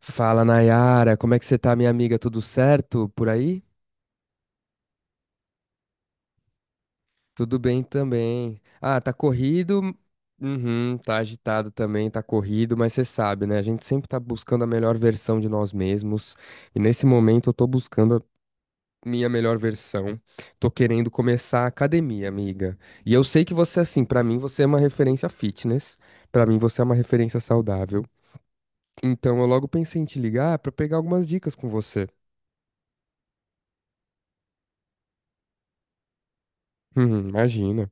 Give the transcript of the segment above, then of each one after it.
Fala, Nayara, como é que você tá, minha amiga? Tudo certo por aí? Tudo bem também. Ah, tá corrido. Uhum, tá agitado também, tá corrido, mas você sabe, né? A gente sempre tá buscando a melhor versão de nós mesmos. E nesse momento eu tô buscando a minha melhor versão. Tô querendo começar a academia, amiga. E eu sei que você, assim, pra mim você é uma referência fitness. Pra mim você é uma referência saudável. Então eu logo pensei em te ligar pra pegar algumas dicas com você. Imagina.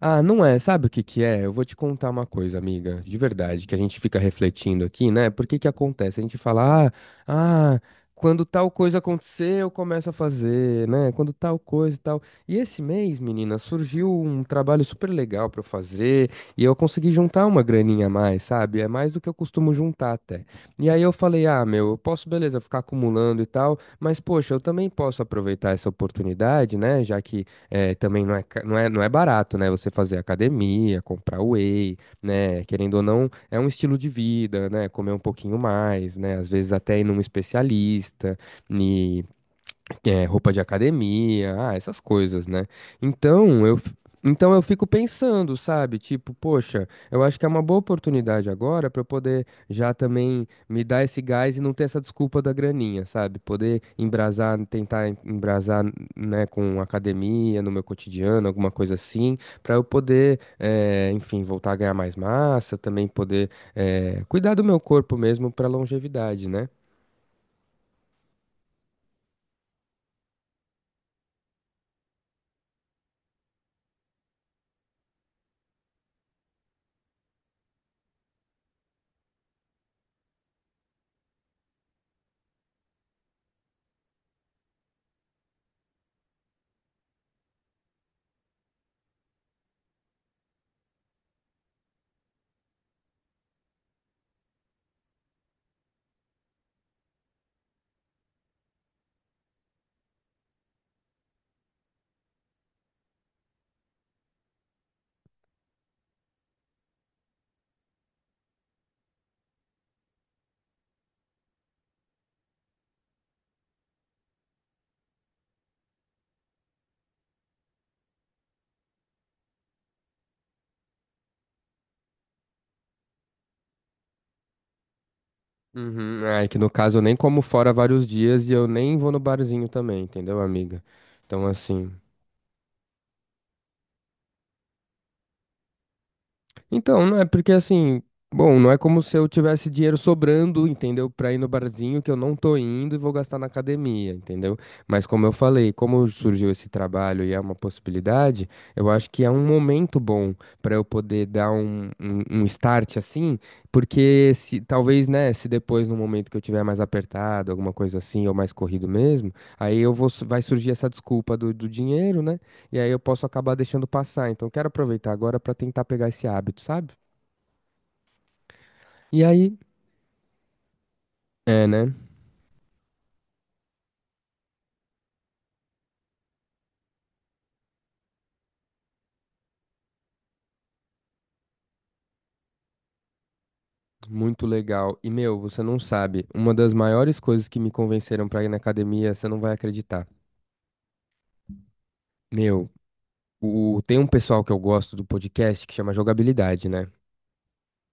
Ah, não é. Sabe o que que é? Eu vou te contar uma coisa, amiga, de verdade, que a gente fica refletindo aqui, né? Por que que acontece? A gente fala, ah, quando tal coisa acontecer, eu começo a fazer, né? Quando tal coisa e tal. E esse mês, menina, surgiu um trabalho super legal pra eu fazer e eu consegui juntar uma graninha a mais, sabe? É mais do que eu costumo juntar até. E aí eu falei, ah, meu, eu posso, beleza, ficar acumulando e tal, mas poxa, eu também posso aproveitar essa oportunidade, né? Já que também não é barato, né? Você fazer academia, comprar whey, né? Querendo ou não, é um estilo de vida, né? Comer um pouquinho mais, né? Às vezes até ir num especialista e roupa de academia, ah, essas coisas, né? Então eu, f- então eu fico pensando, sabe? Tipo, poxa, eu acho que é uma boa oportunidade agora para eu poder já também me dar esse gás e não ter essa desculpa da graninha, sabe? Poder embrasar, tentar embrasar, né, com academia no meu cotidiano, alguma coisa assim, para eu poder, enfim, voltar a ganhar mais massa, também poder, cuidar do meu corpo mesmo para longevidade, né? Uhum. Ah, é que no caso eu nem como fora vários dias e eu nem vou no barzinho também, entendeu, amiga? Então, assim. Então, não é porque assim, bom, não é como se eu tivesse dinheiro sobrando, entendeu? Pra ir no barzinho que eu não tô indo e vou gastar na academia, entendeu? Mas como eu falei, como surgiu esse trabalho e é uma possibilidade, eu acho que é um momento bom pra eu poder dar um start assim, porque se talvez, né, se depois no momento que eu tiver mais apertado, alguma coisa assim, ou mais corrido mesmo, aí vai surgir essa desculpa do dinheiro, né? E aí eu posso acabar deixando passar. Então, quero aproveitar agora para tentar pegar esse hábito, sabe? E aí, é, né? Muito legal. E, meu, você não sabe, uma das maiores coisas que me convenceram pra ir na academia, você não vai acreditar. Meu, tem um pessoal que eu gosto do podcast que chama Jogabilidade, né?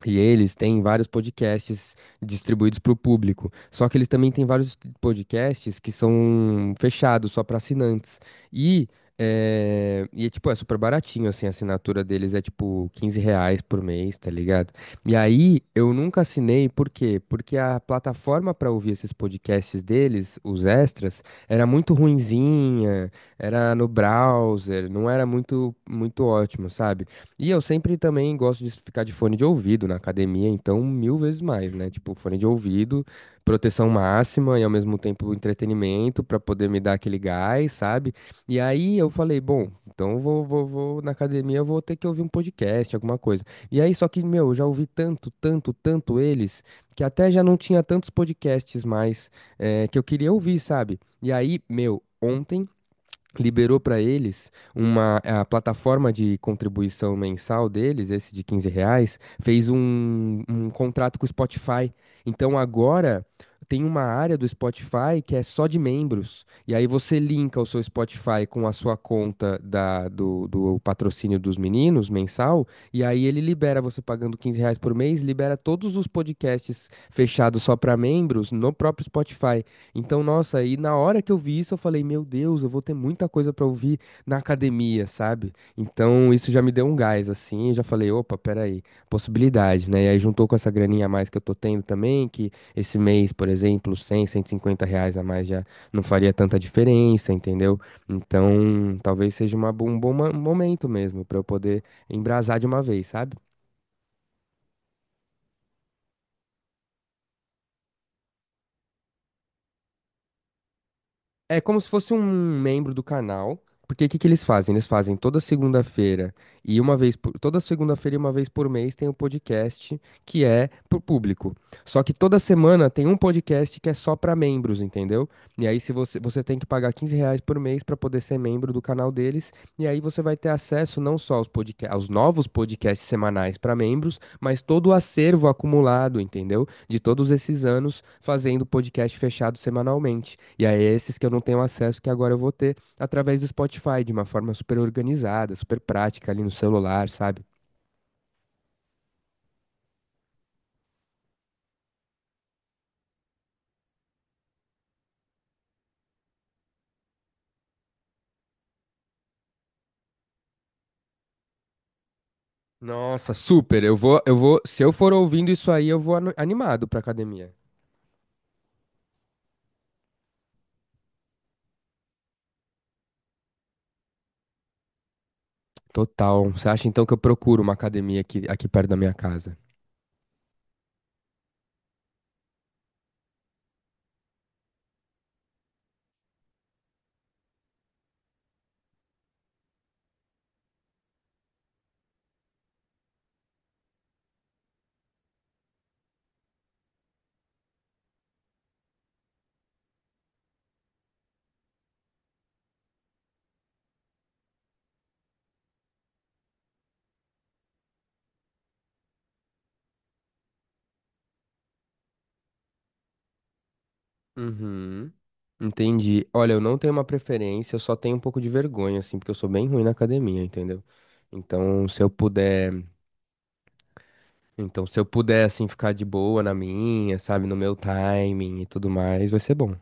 E eles têm vários podcasts distribuídos para o público. Só que eles também têm vários podcasts que são fechados só para assinantes. E, tipo, é super baratinho, assim, a assinatura deles é tipo R$ 15 por mês, tá ligado? E aí eu nunca assinei, por quê? Porque a plataforma para ouvir esses podcasts deles, os extras, era muito ruinzinha, era no browser, não era muito, muito ótimo, sabe? E eu sempre também gosto de ficar de fone de ouvido na academia, então mil vezes mais, né? Tipo, fone de ouvido, proteção máxima e ao mesmo tempo entretenimento pra poder me dar aquele gás, sabe? E aí eu falei, bom, então eu vou na academia, eu vou ter que ouvir um podcast, alguma coisa. E aí, só que, meu, eu já ouvi tanto, tanto, tanto eles, que até já não tinha tantos podcasts mais que eu queria ouvir, sabe? E aí, meu. Ontem liberou para eles uma a plataforma de contribuição mensal deles, esse de R$ 15, fez um contrato com o Spotify. Então agora tem uma área do Spotify que é só de membros. E aí você linka o seu Spotify com a sua conta do patrocínio dos meninos mensal, e aí ele libera você pagando R$ 15 por mês, libera todos os podcasts fechados só para membros no próprio Spotify. Então, nossa, aí na hora que eu vi isso, eu falei, meu Deus, eu vou ter muita coisa pra ouvir na academia, sabe? Então, isso já me deu um gás, assim, eu já falei, opa, peraí, possibilidade, né? E aí juntou com essa graninha a mais que eu tô tendo também, que esse mês, por exemplo, cem R$ 150 a mais já não faria tanta diferença, entendeu? Então, talvez seja um bom momento mesmo pra eu poder embrasar de uma vez, sabe? É como se fosse um membro do canal, porque o que que eles fazem? Eles fazem toda segunda-feira e uma vez por mês tem um podcast que é pro público. Só que toda semana tem um podcast que é só para membros, entendeu? E aí se você, você tem que pagar R$ 15 por mês para poder ser membro do canal deles, e aí você vai ter acesso não só aos novos podcasts semanais para membros, mas todo o acervo acumulado, entendeu? De todos esses anos fazendo podcast fechado semanalmente. E aí, é esses que eu não tenho acesso, que agora eu vou ter através do Spotify, de uma forma super organizada, super prática ali no celular, sabe? Nossa, super. Se eu for ouvindo isso aí, eu vou animado pra academia. Total. Você acha então que eu procuro uma academia aqui perto da minha casa? Uhum. Entendi. Olha, eu não tenho uma preferência, eu só tenho um pouco de vergonha, assim, porque eu sou bem ruim na academia, entendeu? Então, se eu puder. Então, se eu puder, assim, ficar de boa na minha, sabe, no meu timing e tudo mais, vai ser bom.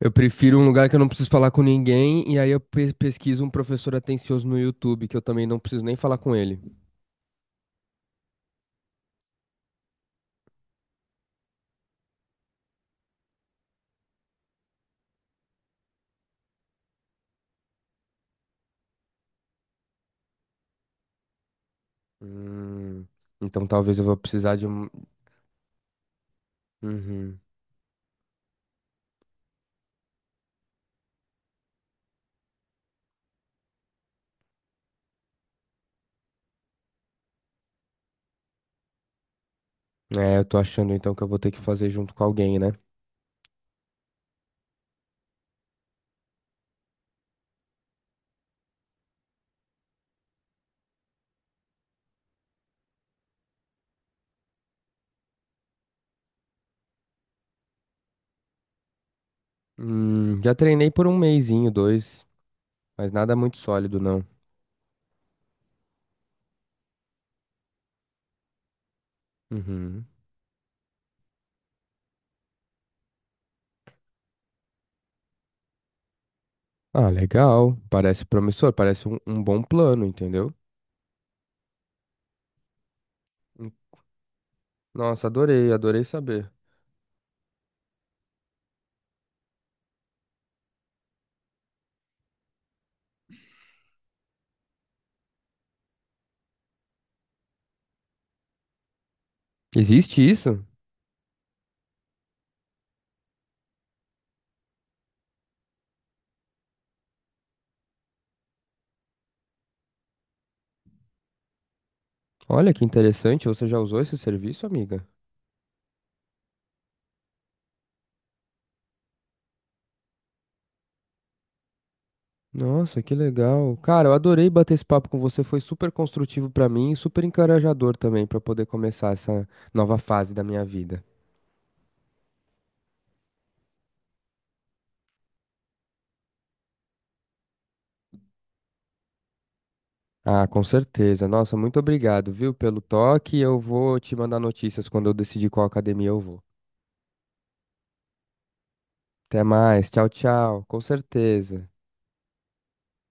Eu prefiro um lugar que eu não preciso falar com ninguém, e aí eu pesquiso um professor atencioso no YouTube, que eu também não preciso nem falar com ele. Hum, então talvez eu vou precisar de um. Uhum. É, eu tô achando então que eu vou ter que fazer junto com alguém, né? Já treinei por um mesinho, dois, mas nada muito sólido, não. Uhum. Ah, legal. Parece promissor, parece um bom plano, entendeu? Hum. Nossa, adorei, adorei saber. Existe isso? Olha que interessante, você já usou esse serviço, amiga? Nossa, que legal. Cara, eu adorei bater esse papo com você, foi super construtivo pra mim e super encorajador também pra poder começar essa nova fase da minha vida. Ah, com certeza. Nossa, muito obrigado, viu, pelo toque. Eu vou te mandar notícias quando eu decidir qual academia eu vou. Até mais. Tchau, tchau. Com certeza.